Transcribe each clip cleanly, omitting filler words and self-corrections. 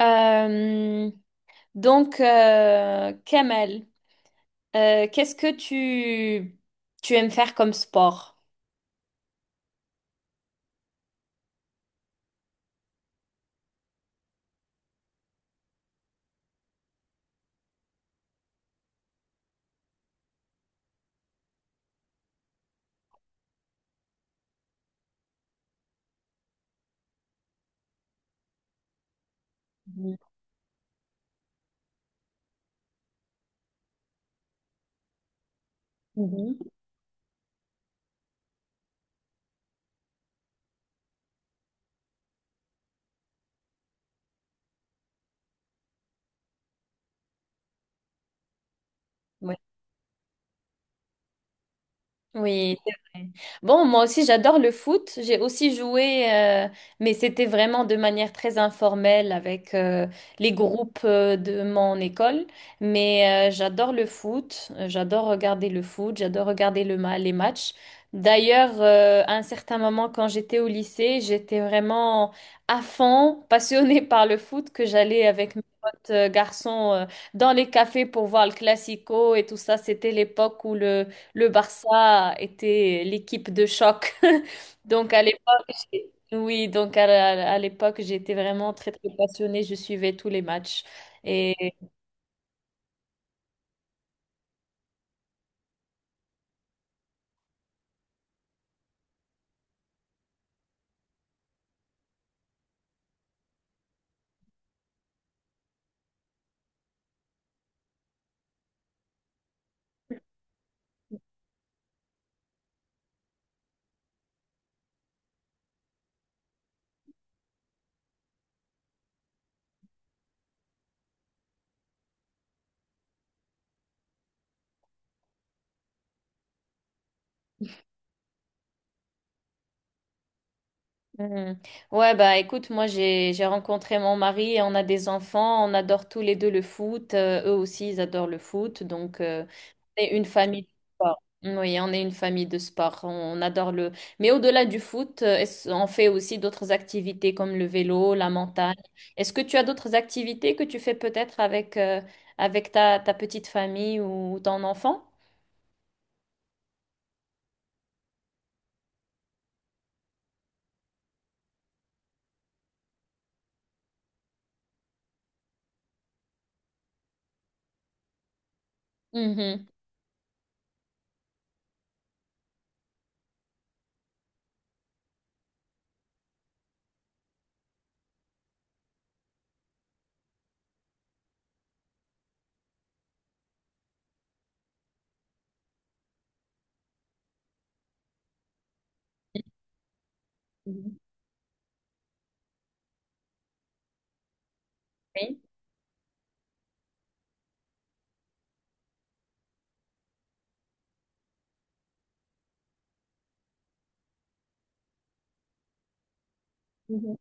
Euh, donc, Kamel, qu'est-ce que tu aimes faire comme sport? Mhm. Mhm. Oui, c'est vrai. Bon, moi aussi, j'adore le foot. J'ai aussi joué, mais c'était vraiment de manière très informelle avec les groupes de mon école. Mais j'adore le foot. J'adore regarder le foot. J'adore regarder les matchs. D'ailleurs, à un certain moment, quand j'étais au lycée, j'étais vraiment à fond, passionnée par le foot, que j'allais avec mes potes garçons dans les cafés pour voir le Classico et tout ça. C'était l'époque où le Barça était l'équipe de choc. Donc à l'époque, oui, à l'époque, j'étais vraiment très très passionnée, je suivais tous les matchs. Et Hmm. Ouais, bah écoute, moi j'ai rencontré mon mari et on a des enfants, on adore tous les deux le foot, eux aussi ils adorent le foot, donc on est une famille de sport. Oui, on est une famille de sport. On adore le… Mais au-delà du foot, on fait aussi d'autres activités comme le vélo, la montagne. Est-ce que tu as d'autres activités que tu fais peut-être avec, avec ta petite famille ou ton enfant? Mhm. Mhm. Oui. Mhm.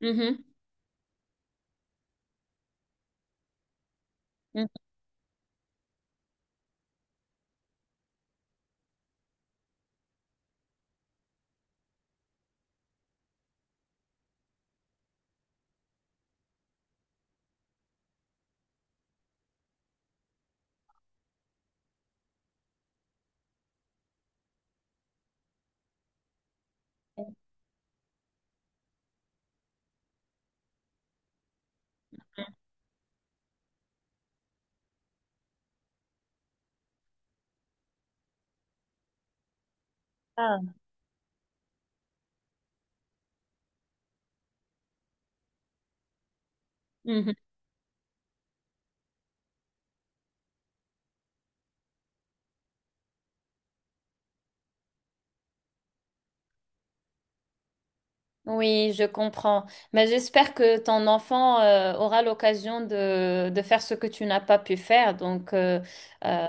Mhm. Mhm. Ah. Mhm. Oui, je comprends. Mais j'espère que ton enfant aura l'occasion de faire ce que tu n'as pas pu faire. Donc, euh,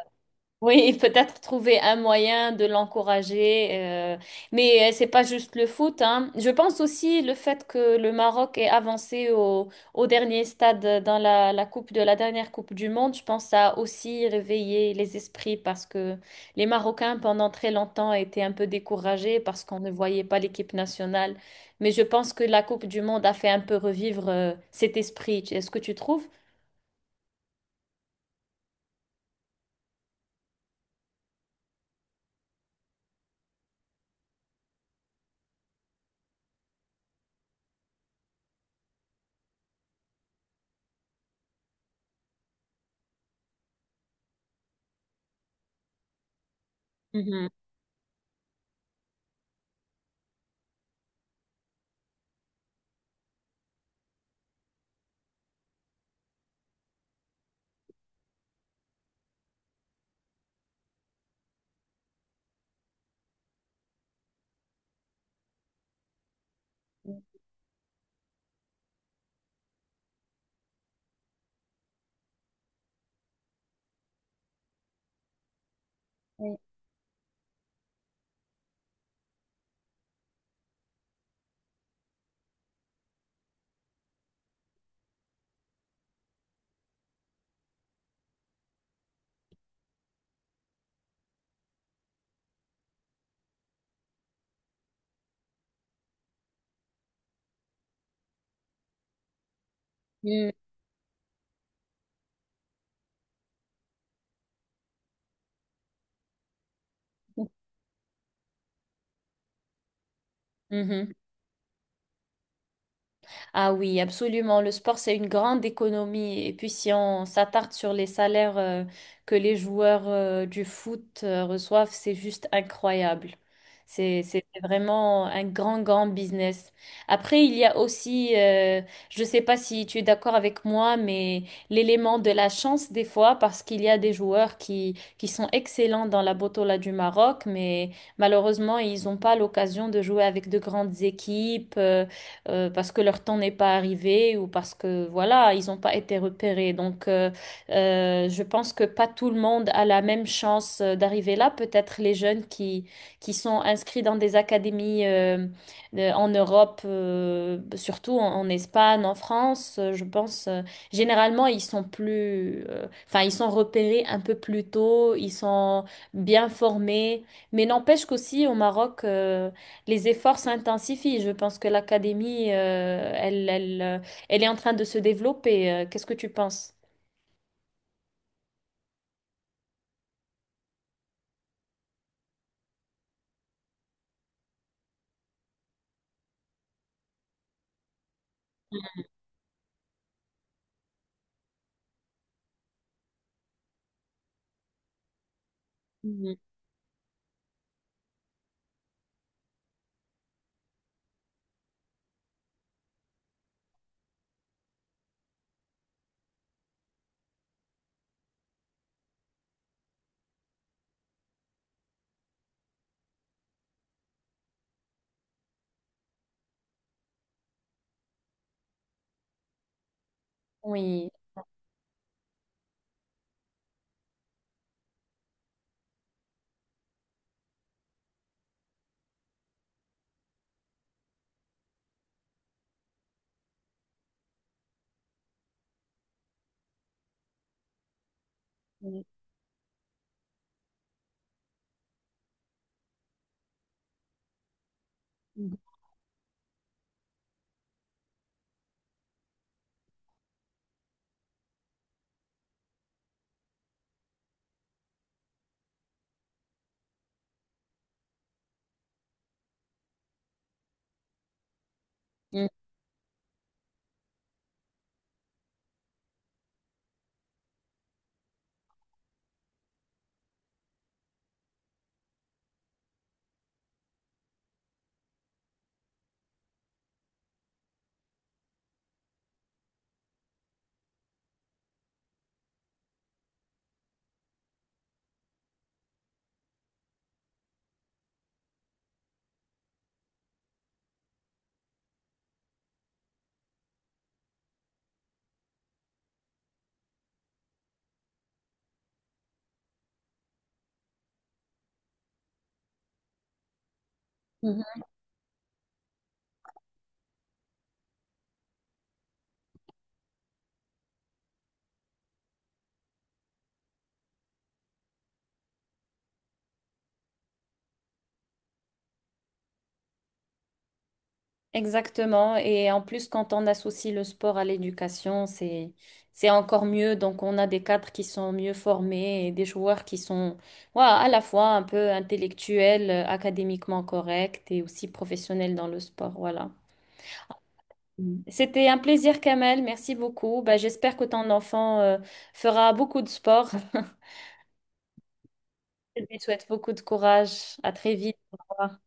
oui, peut-être trouver un moyen de l'encourager, mais c'est pas juste le foot, hein. Je pense aussi le fait que le Maroc est avancé au dernier stade dans la coupe de la dernière Coupe du Monde. Je pense que ça a aussi réveillé les esprits parce que les Marocains pendant très longtemps étaient un peu découragés parce qu'on ne voyait pas l'équipe nationale. Mais je pense que la Coupe du Monde a fait un peu revivre cet esprit. Est-ce que tu trouves? Mhm. Mhm. Mhm. Ah oui, absolument. Le sport, c'est une grande économie. Et puis, si on s'attarde sur les salaires que les joueurs du foot reçoivent, c'est juste incroyable. C'est vraiment un grand, grand business. Après, il y a aussi, je ne sais pas si tu es d'accord avec moi, mais l'élément de la chance des fois, parce qu'il y a des joueurs qui sont excellents dans la Botola du Maroc, mais malheureusement, ils n'ont pas l'occasion de jouer avec de grandes équipes. Parce que leur temps n'est pas arrivé ou parce que voilà, ils n'ont pas été repérés. Donc, je pense que pas tout le monde a la même chance d'arriver là. Peut-être les jeunes qui sont inscrits dans des académies en Europe, surtout en Espagne, en France, je pense, généralement, ils sont plus, enfin, ils sont repérés un peu plus tôt, ils sont bien formés. Mais n'empêche qu'aussi au Maroc, les efforts s'intensifient. Je pense que l'académie, elle est en train de se développer. Qu'est-ce que tu penses? Mhm. Oui. Oui. Mhm. Mhm. Exactement. Et en plus, quand on associe le sport à l'éducation, c'est encore mieux. Donc, on a des cadres qui sont mieux formés et des joueurs qui sont, voilà, à la fois un peu intellectuels, académiquement corrects et aussi professionnels dans le sport. Voilà. Mm. C'était un plaisir, Kamel. Merci beaucoup. Bah, j'espère que ton enfant fera beaucoup de sport. Je lui souhaite beaucoup de courage. À très vite. Au revoir.